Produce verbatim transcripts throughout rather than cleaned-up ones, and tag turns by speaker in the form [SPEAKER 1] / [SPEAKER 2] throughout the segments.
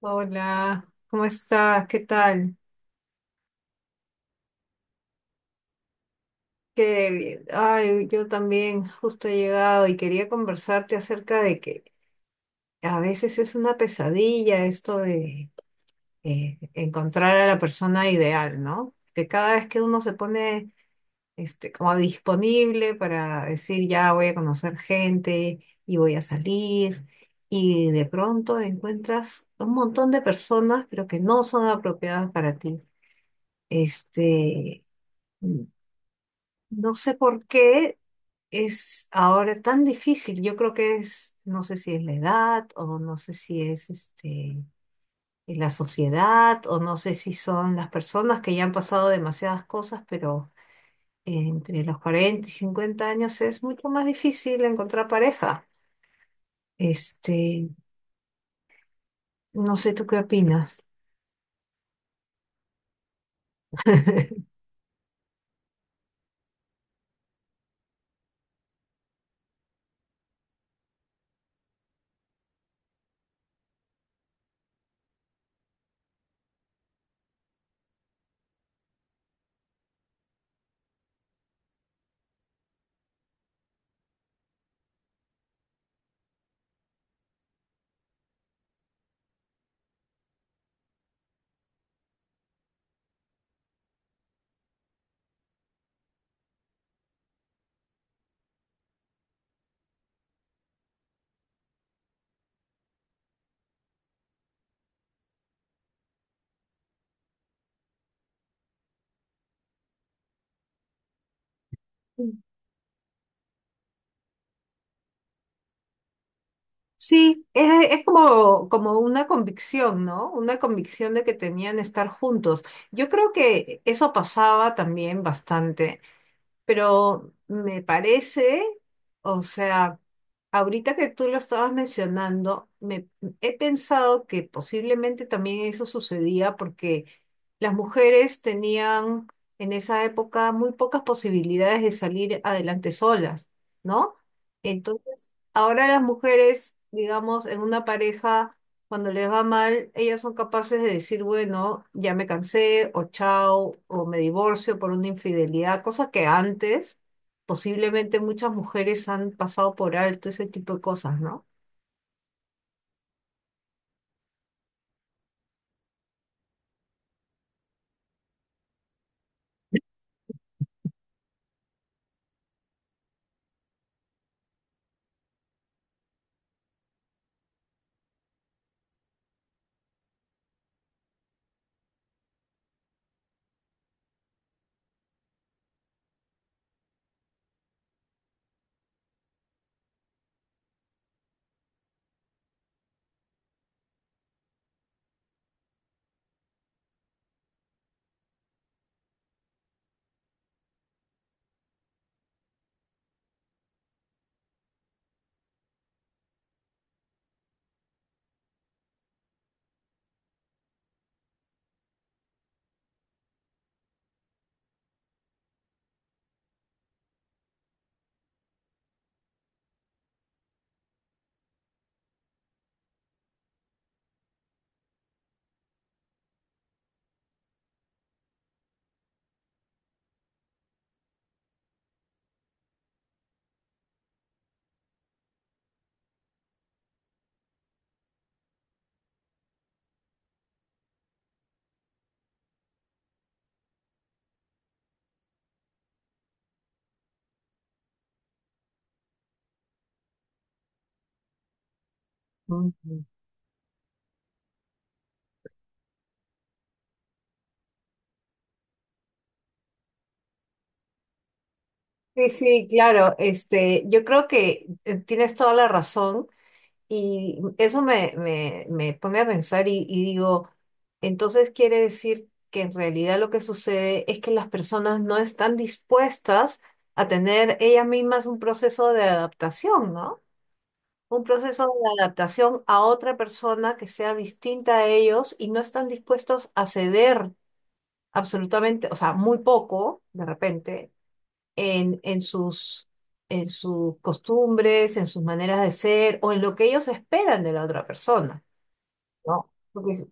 [SPEAKER 1] Hola, ¿cómo estás? ¿Qué tal? Qué bien. Ay, yo también justo he llegado y quería conversarte acerca de que a veces es una pesadilla esto de eh, encontrar a la persona ideal, ¿no? Que cada vez que uno se pone este, como disponible para decir ya voy a conocer gente y voy a salir y de pronto encuentras un montón de personas pero que no son apropiadas para ti. Este. No sé por qué es ahora tan difícil. Yo creo que es, no sé si es la edad o no sé si es este, la sociedad o no sé si son las personas que ya han pasado demasiadas cosas, pero entre los cuarenta y cincuenta años es mucho más difícil encontrar pareja. Este, no sé tú qué opinas. Sí, es, es como, como una convicción, ¿no? Una convicción de que tenían estar juntos. Yo creo que eso pasaba también bastante, pero me parece, o sea, ahorita que tú lo estabas mencionando, me he pensado que posiblemente también eso sucedía porque las mujeres tenían en esa época muy pocas posibilidades de salir adelante solas, ¿no? Entonces, ahora las mujeres, digamos, en una pareja, cuando les va mal, ellas son capaces de decir, bueno, ya me cansé, o chao, o me divorcio por una infidelidad, cosa que antes posiblemente muchas mujeres han pasado por alto ese tipo de cosas, ¿no? Ujú. Sí, sí, claro, este, yo creo que eh, tienes toda la razón. Y eso me, me, me pone a pensar y, y digo, entonces quiere decir que en realidad lo que sucede es que las personas no están dispuestas a tener ellas mismas un proceso de adaptación, ¿no? Un proceso de adaptación a otra persona que sea distinta a ellos y no están dispuestos a ceder absolutamente, o sea, muy poco de repente en, en sus, en sus costumbres, en sus maneras de ser o en lo que ellos esperan de la otra persona, ¿no? Porque es-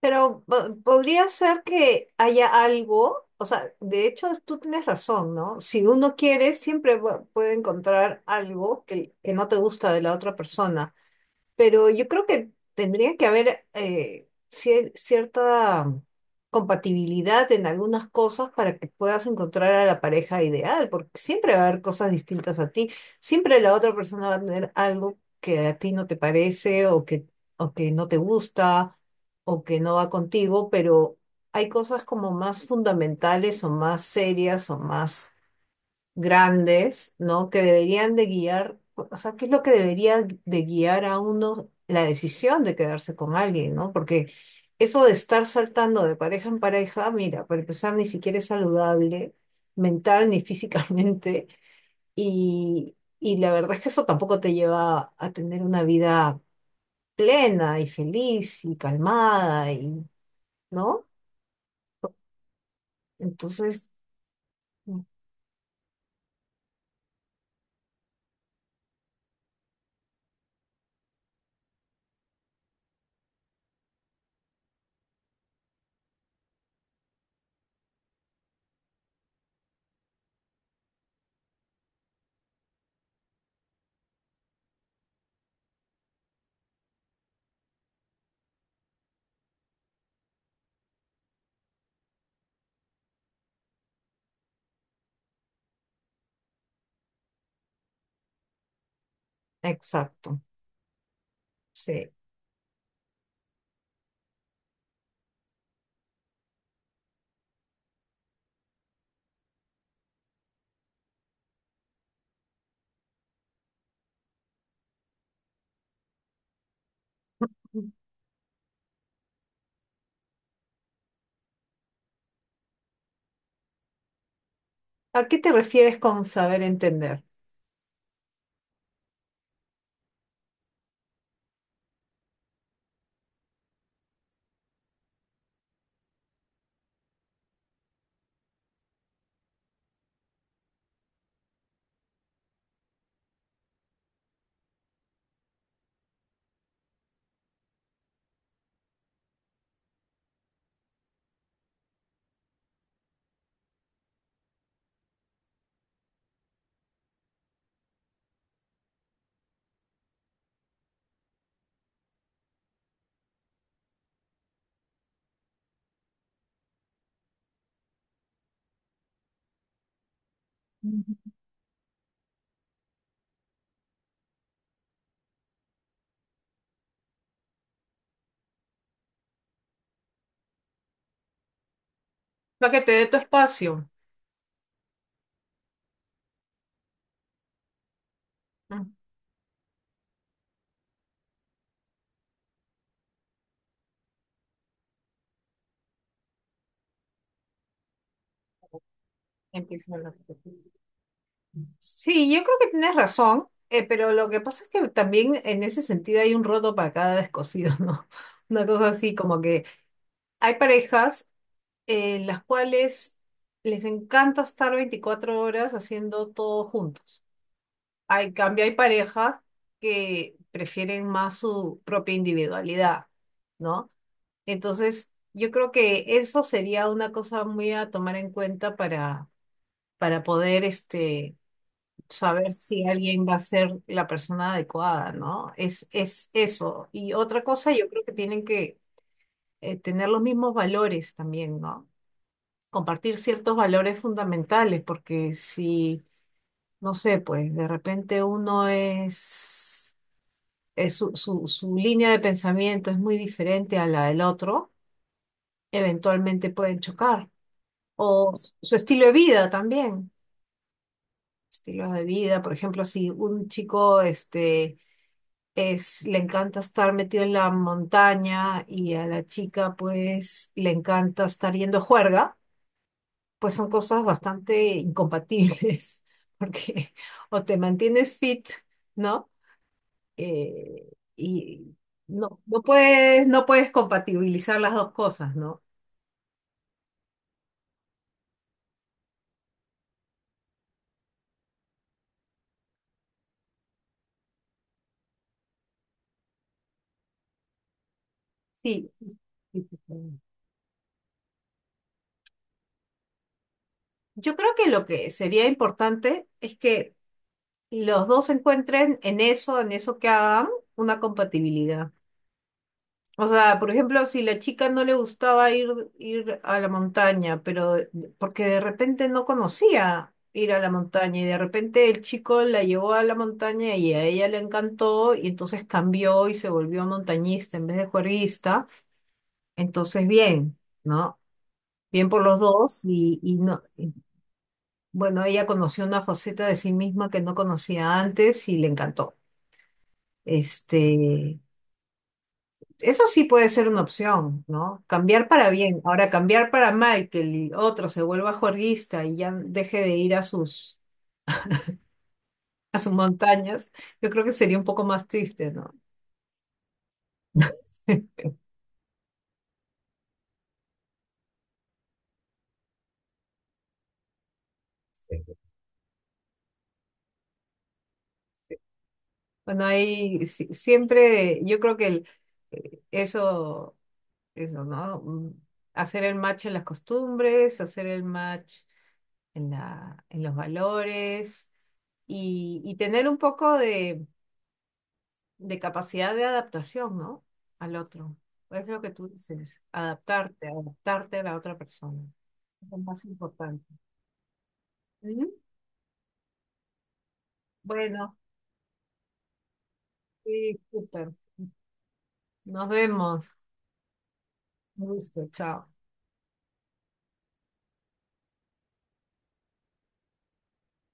[SPEAKER 1] pero po- podría ser que haya algo, o sea, de hecho es- tú tienes razón, ¿no? Si uno quiere, siempre pu- puede encontrar algo que, que no te gusta de la otra persona. Pero yo creo que tendría que haber eh, cier- cierta compatibilidad en algunas cosas para que puedas encontrar a la pareja ideal, porque siempre va a haber cosas distintas a ti, siempre la otra persona va a tener algo que a ti no te parece o que, o que no te gusta o que no va contigo, pero hay cosas como más fundamentales o más serias o más grandes, ¿no? Que deberían de guiar, o sea, ¿qué es lo que debería de guiar a uno la decisión de quedarse con alguien? ¿No? Porque eso de estar saltando de pareja en pareja, mira, para empezar, ni siquiera es saludable mental ni físicamente, y, y la verdad es que eso tampoco te lleva a tener una vida plena y feliz y calmada, y, ¿no? Entonces, mm, exacto, sí. ¿A qué te refieres con saber entender? Para que te dé tu espacio. Mm. Empiezo a hablar. Sí, yo creo que tienes razón, eh, pero lo que pasa es que también en ese sentido hay un roto para cada descosido, ¿no? Una cosa así, como que hay parejas en las cuales les encanta estar veinticuatro horas haciendo todo juntos. Hay, en cambio, hay parejas que prefieren más su propia individualidad, ¿no? Entonces, yo creo que eso sería una cosa muy a tomar en cuenta para para poder este, saber si alguien va a ser la persona adecuada, ¿no? Es, es eso. Y otra cosa, yo creo que tienen que eh, tener los mismos valores también, ¿no? Compartir ciertos valores fundamentales, porque si, no sé, pues de repente uno es, es su, su, su línea de pensamiento es muy diferente a la del otro, eventualmente pueden chocar. O su su estilo de vida también. Estilos de vida, por ejemplo, si un chico, este, es, le encanta estar metido en la montaña y a la chica pues le encanta estar yendo a juerga, pues son cosas bastante incompatibles, porque o te mantienes fit, ¿no? Eh, y no, no puedes, no puedes compatibilizar las dos cosas, ¿no? Sí. Sí, sí, sí. Sí. Yo creo que lo que sería importante es que los dos encuentren en eso, en eso que hagan, una compatibilidad. O sea, por ejemplo, si la chica no le gustaba ir, ir a la montaña, pero porque de repente no conocía ir a la montaña y de repente el chico la llevó a la montaña y a ella le encantó y entonces cambió y se volvió montañista en vez de juerguista, entonces bien, ¿no? Bien por los dos y, y no, y, bueno, ella conoció una faceta de sí misma que no conocía antes y le encantó. Este, Eso sí puede ser una opción, ¿no? Cambiar para bien. Ahora, cambiar para mal, que el otro se vuelva juerguista y ya deje de ir a sus, a sus montañas, yo creo que sería un poco más triste, ¿no? Sí. Bueno, ahí si- siempre, yo creo que el, eh, eso, eso, ¿no? Mm, hacer el match en las costumbres, hacer el match en la, en los valores y, y tener un poco de de capacidad de adaptación, ¿no? Al otro. Es lo que tú dices, adaptarte, adaptarte a la otra persona. Es lo más importante. ¿Mm? Bueno, sí, súper. Nos vemos. Un gusto, chao.